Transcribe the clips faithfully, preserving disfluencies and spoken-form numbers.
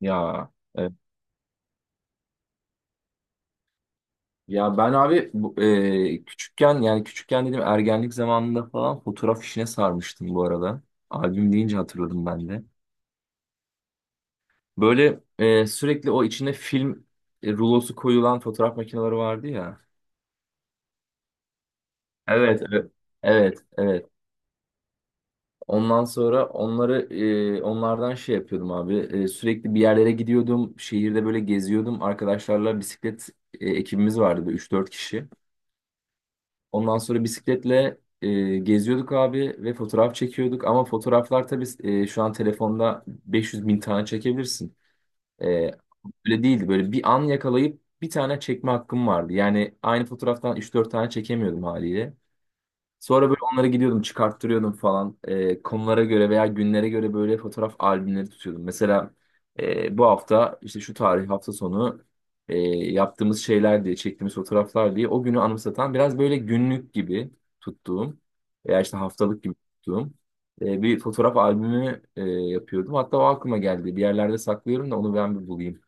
Ya evet. Ya ben abi bu- e, küçükken yani küçükken dedim ergenlik zamanında falan fotoğraf işine sarmıştım bu arada. Albüm deyince hatırladım ben de. Böyle e, sürekli o içine film e, rulosu koyulan fotoğraf makineleri vardı ya. Evet, evet. Evet, evet. Ondan sonra onları e, onlardan şey yapıyordum abi. E, sürekli bir yerlere gidiyordum. Şehirde böyle geziyordum. Arkadaşlarla bisiklet e, ekibimiz vardı üç dört kişi. Ondan sonra bisikletle e, geziyorduk abi ve fotoğraf çekiyorduk. Ama fotoğraflar tabii e, şu an telefonda beş yüz bin tane çekebilirsin. E, Öyle değildi. Böyle bir an yakalayıp bir tane çekme hakkım vardı. Yani aynı fotoğraftan üç dört tane çekemiyordum haliyle. Sonra böyle onları gidiyordum çıkarttırıyordum falan. Ee, konulara göre veya günlere göre böyle fotoğraf albümleri tutuyordum. Mesela e, bu hafta işte şu tarih hafta sonu e, yaptığımız şeyler diye çektiğimiz fotoğraflar diye o günü anımsatan biraz böyle günlük gibi tuttuğum veya işte haftalık gibi tuttuğum e, bir fotoğraf albümü e, yapıyordum. Hatta o aklıma geldi. Bir yerlerde saklıyorum da onu ben bir bulayım.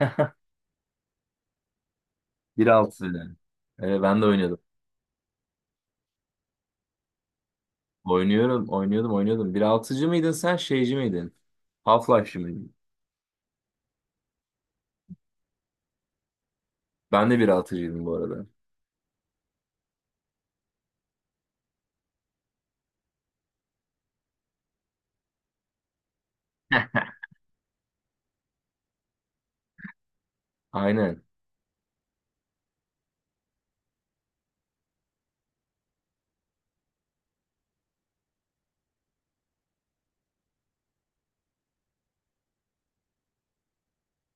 bir nokta altı. Evet ben de oynuyordum. Oynuyorum, oynuyordum, oynuyordum. Bir altıcı mıydın sen, şeyci miydin? Half-Life'cı mıydın? Ben de bir altıcıydım bu arada. Aynen.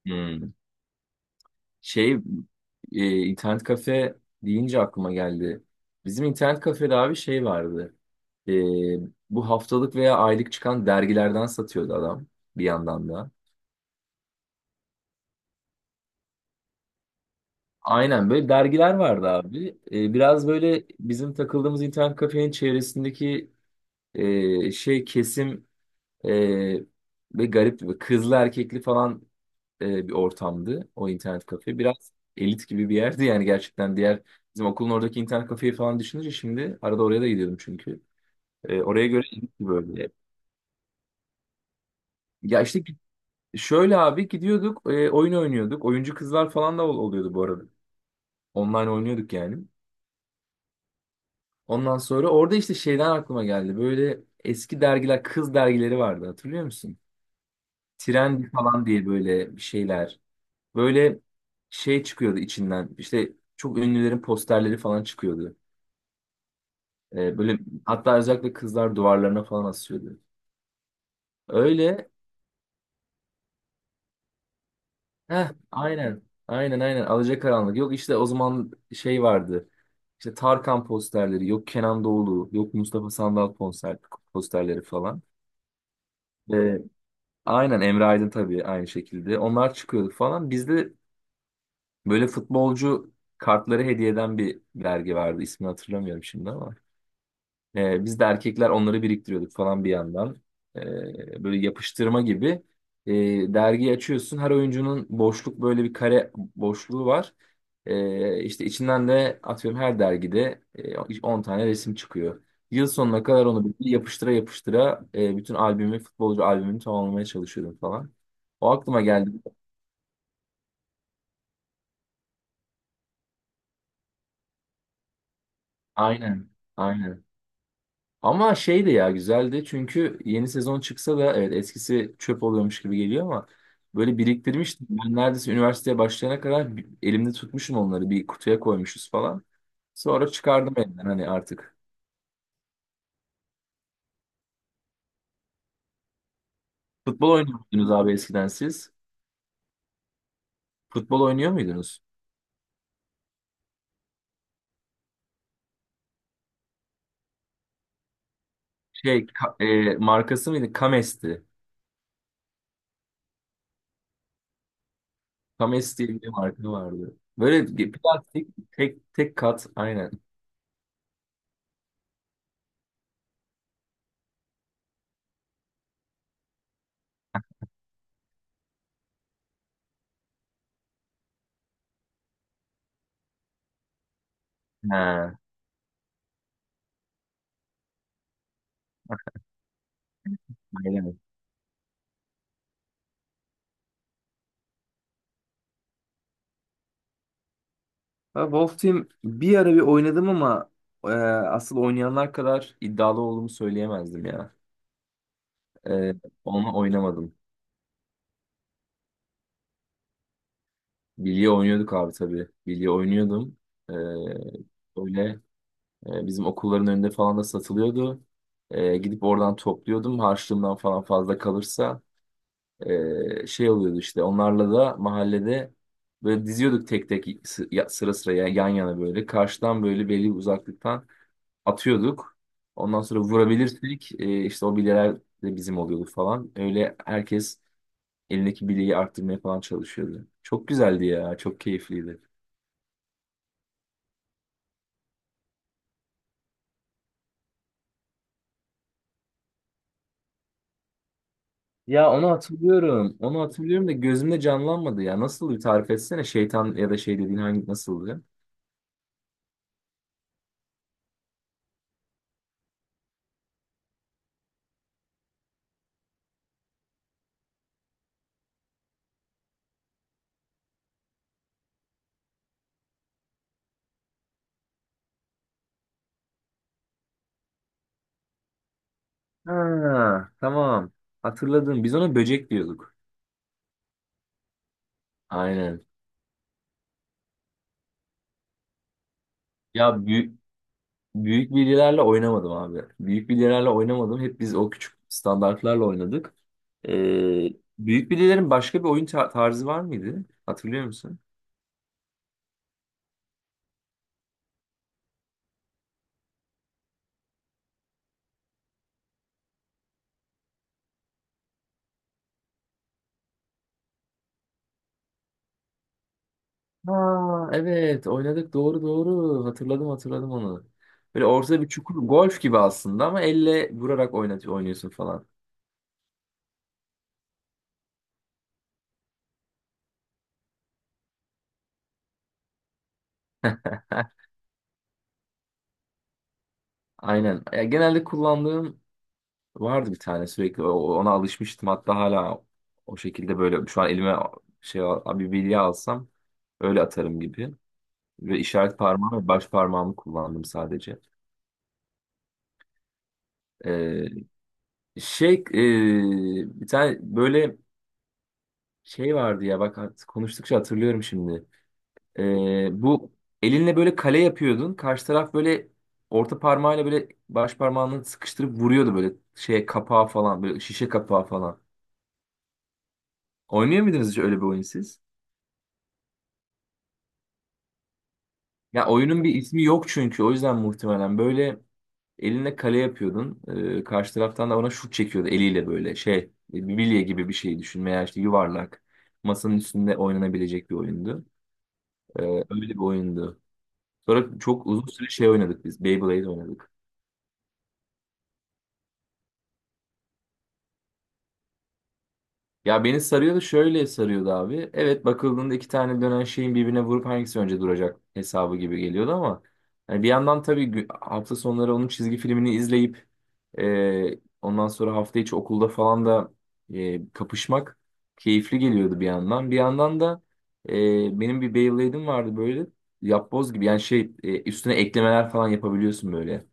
Hmm. Şey, e, internet kafe deyince aklıma geldi. Bizim internet kafede abi şey vardı. E, Bu haftalık veya aylık çıkan dergilerden satıyordu adam bir yandan da. Aynen böyle dergiler vardı abi. E, biraz böyle bizim takıldığımız internet kafenin çevresindeki e, şey kesim Ee, ve garipti. Böyle kızlı erkekli falan e, bir ortamdı o internet kafe. Biraz elit gibi bir yerdi yani, gerçekten diğer bizim okulun oradaki internet kafeyi falan düşününce, şimdi arada oraya da gidiyordum çünkü. Ee, oraya göre elit gibi böyle. Ya işte git- şöyle abi gidiyorduk e, oyun oynuyorduk. Oyuncu kızlar falan da ol- oluyordu bu arada. Online oynuyorduk yani. Ondan sonra orada işte şeyden aklıma geldi. Böyle eski dergiler, kız dergileri vardı, hatırlıyor musun? Trendy falan diye böyle bir şeyler. Böyle şey çıkıyordu içinden. İşte çok ünlülerin posterleri falan çıkıyordu. Ee, böyle hatta özellikle kızlar duvarlarına falan asıyordu. Öyle. Heh, aynen. Aynen aynen. Alacakaranlık. Yok işte o zaman şey vardı. İşte Tarkan posterleri, yok Kenan Doğulu, yok Mustafa Sandal konser posterleri falan. Ee, aynen Emre Aydın tabii aynı şekilde. Onlar çıkıyordu falan. Bizde böyle futbolcu kartları hediye eden bir dergi vardı. İsmini hatırlamıyorum şimdi ama. Ee, biz de erkekler onları biriktiriyorduk falan bir yandan. Ee, böyle yapıştırma gibi. Ee, dergi açıyorsun. Her oyuncunun boşluk böyle bir kare boşluğu var. Ee, işte içinden de atıyorum her dergide e, on tane resim çıkıyor. Yıl sonuna kadar onu bir yapıştıra yapıştıra e, bütün albümü, futbolcu albümünü tamamlamaya çalışıyordum falan. O aklıma geldi. Aynen. Aynen. Ama şey de ya güzeldi, çünkü yeni sezon çıksa da evet eskisi çöp oluyormuş gibi geliyor ama böyle biriktirmiştim. Ben neredeyse üniversiteye başlayana kadar bir- elimde tutmuşum onları, bir kutuya koymuşuz falan. Sonra çıkardım elimden hani artık. Futbol oynuyor muydunuz abi eskiden siz? Futbol oynuyor muydunuz? Şey ka- e, markası mıydı? Kames'ti. Kames diye bir marka vardı. Böyle bir plastik tek tek kat aynen. Ha, aynen. Ha, Wolf Team bir ara bir oynadım ama e, asıl oynayanlar kadar iddialı olduğumu söyleyemezdim ya. E, Onunla oynamadım. Bilye oynuyorduk abi tabii. Bilye oynuyordum. E, Öyle e, bizim okulların önünde falan da satılıyordu. E, gidip oradan topluyordum. Harçlığımdan falan fazla kalırsa e, şey oluyordu işte. Onlarla da mahallede böyle diziyorduk tek tek sı- ya- sıra sıra ya- yan yana böyle. Karşıdan böyle belli bir uzaklıktan atıyorduk. Ondan sonra vurabilirsek e, işte o bilyeler de bizim oluyordu falan. Öyle herkes elindeki bilyeyi arttırmaya falan çalışıyordu. Çok güzeldi ya, çok keyifliydi. Ya onu hatırlıyorum. Onu hatırlıyorum da gözümde canlanmadı ya. Nasıl bir tarif etsene, şeytan ya da şey dediğin hangi, nasıldı? Ha, tamam. Hatırladım. Biz ona böcek diyorduk. Aynen. Ya bü- Büyük bilyelerle oynamadım abi. Büyük bilyelerle oynamadım. Hep biz o küçük standartlarla oynadık. Ee, Büyük bilyelerin başka bir oyun ta- tarzı var mıydı? Hatırlıyor musun? Ha, evet oynadık, doğru doğru hatırladım hatırladım onu. Böyle ortada bir çukur, golf gibi aslında ama elle vurarak oynat oynuyorsun falan. Aynen. Ya, genelde kullandığım vardı bir tane sürekli, O- ona alışmıştım hatta hala o şekilde. Böyle şu an elime şey al- bir bilye alsam öyle atarım gibi. Ve işaret parmağım ve baş parmağımı kullandım sadece. Ee, Şey e, bir tane böyle şey vardı ya, bak hat- konuştukça hatırlıyorum şimdi. Ee, bu elinle böyle kale yapıyordun. Karşı taraf böyle orta parmağıyla böyle baş parmağını sıkıştırıp vuruyordu böyle şeye, kapağa falan, böyle şişe kapağı falan. Oynuyor muydunuz hiç öyle bir oyun siz? Ya oyunun bir ismi yok çünkü, o yüzden muhtemelen böyle eline kale yapıyordun. Ee, karşı taraftan da ona şut çekiyordu eliyle böyle şey e, bir bilye gibi bir şey düşün veya işte yuvarlak, masanın üstünde oynanabilecek bir oyundu. Ee, Öyle bir oyundu. Sonra çok uzun süre şey oynadık biz. Beyblade oynadık. Ya beni sarıyordu, şöyle sarıyordu abi. Evet, bakıldığında iki tane dönen şeyin birbirine vurup hangisi önce duracak hesabı gibi geliyordu ama hani bir yandan tabii gü- hafta sonları onun çizgi filmini izleyip e, ondan sonra hafta içi okulda falan da e, kapışmak keyifli geliyordu bir yandan. Bir yandan da e, benim bir Beyblade'im vardı, böyle yapboz gibi yani, şey e, üstüne eklemeler falan yapabiliyorsun böyle.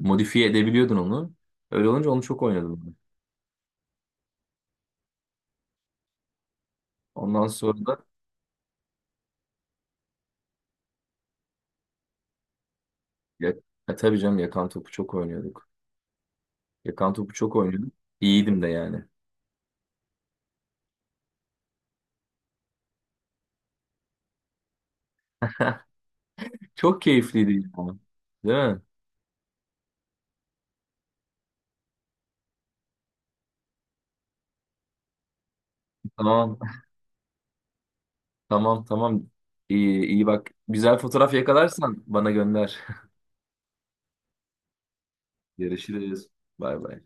Modifiye edebiliyordun onu. Öyle olunca onu çok oynadım. Ondan sonra. Ya, ya tabii canım, yakan topu çok oynuyorduk. Yakan topu çok oynuyorduk. İyiydim de yani. Çok keyifliydi ya. Değil mi? Tamam. Tamam tamam. İyi, iyi bak. Güzel fotoğraf yakalarsan bana gönder. Görüşürüz. Bay bay.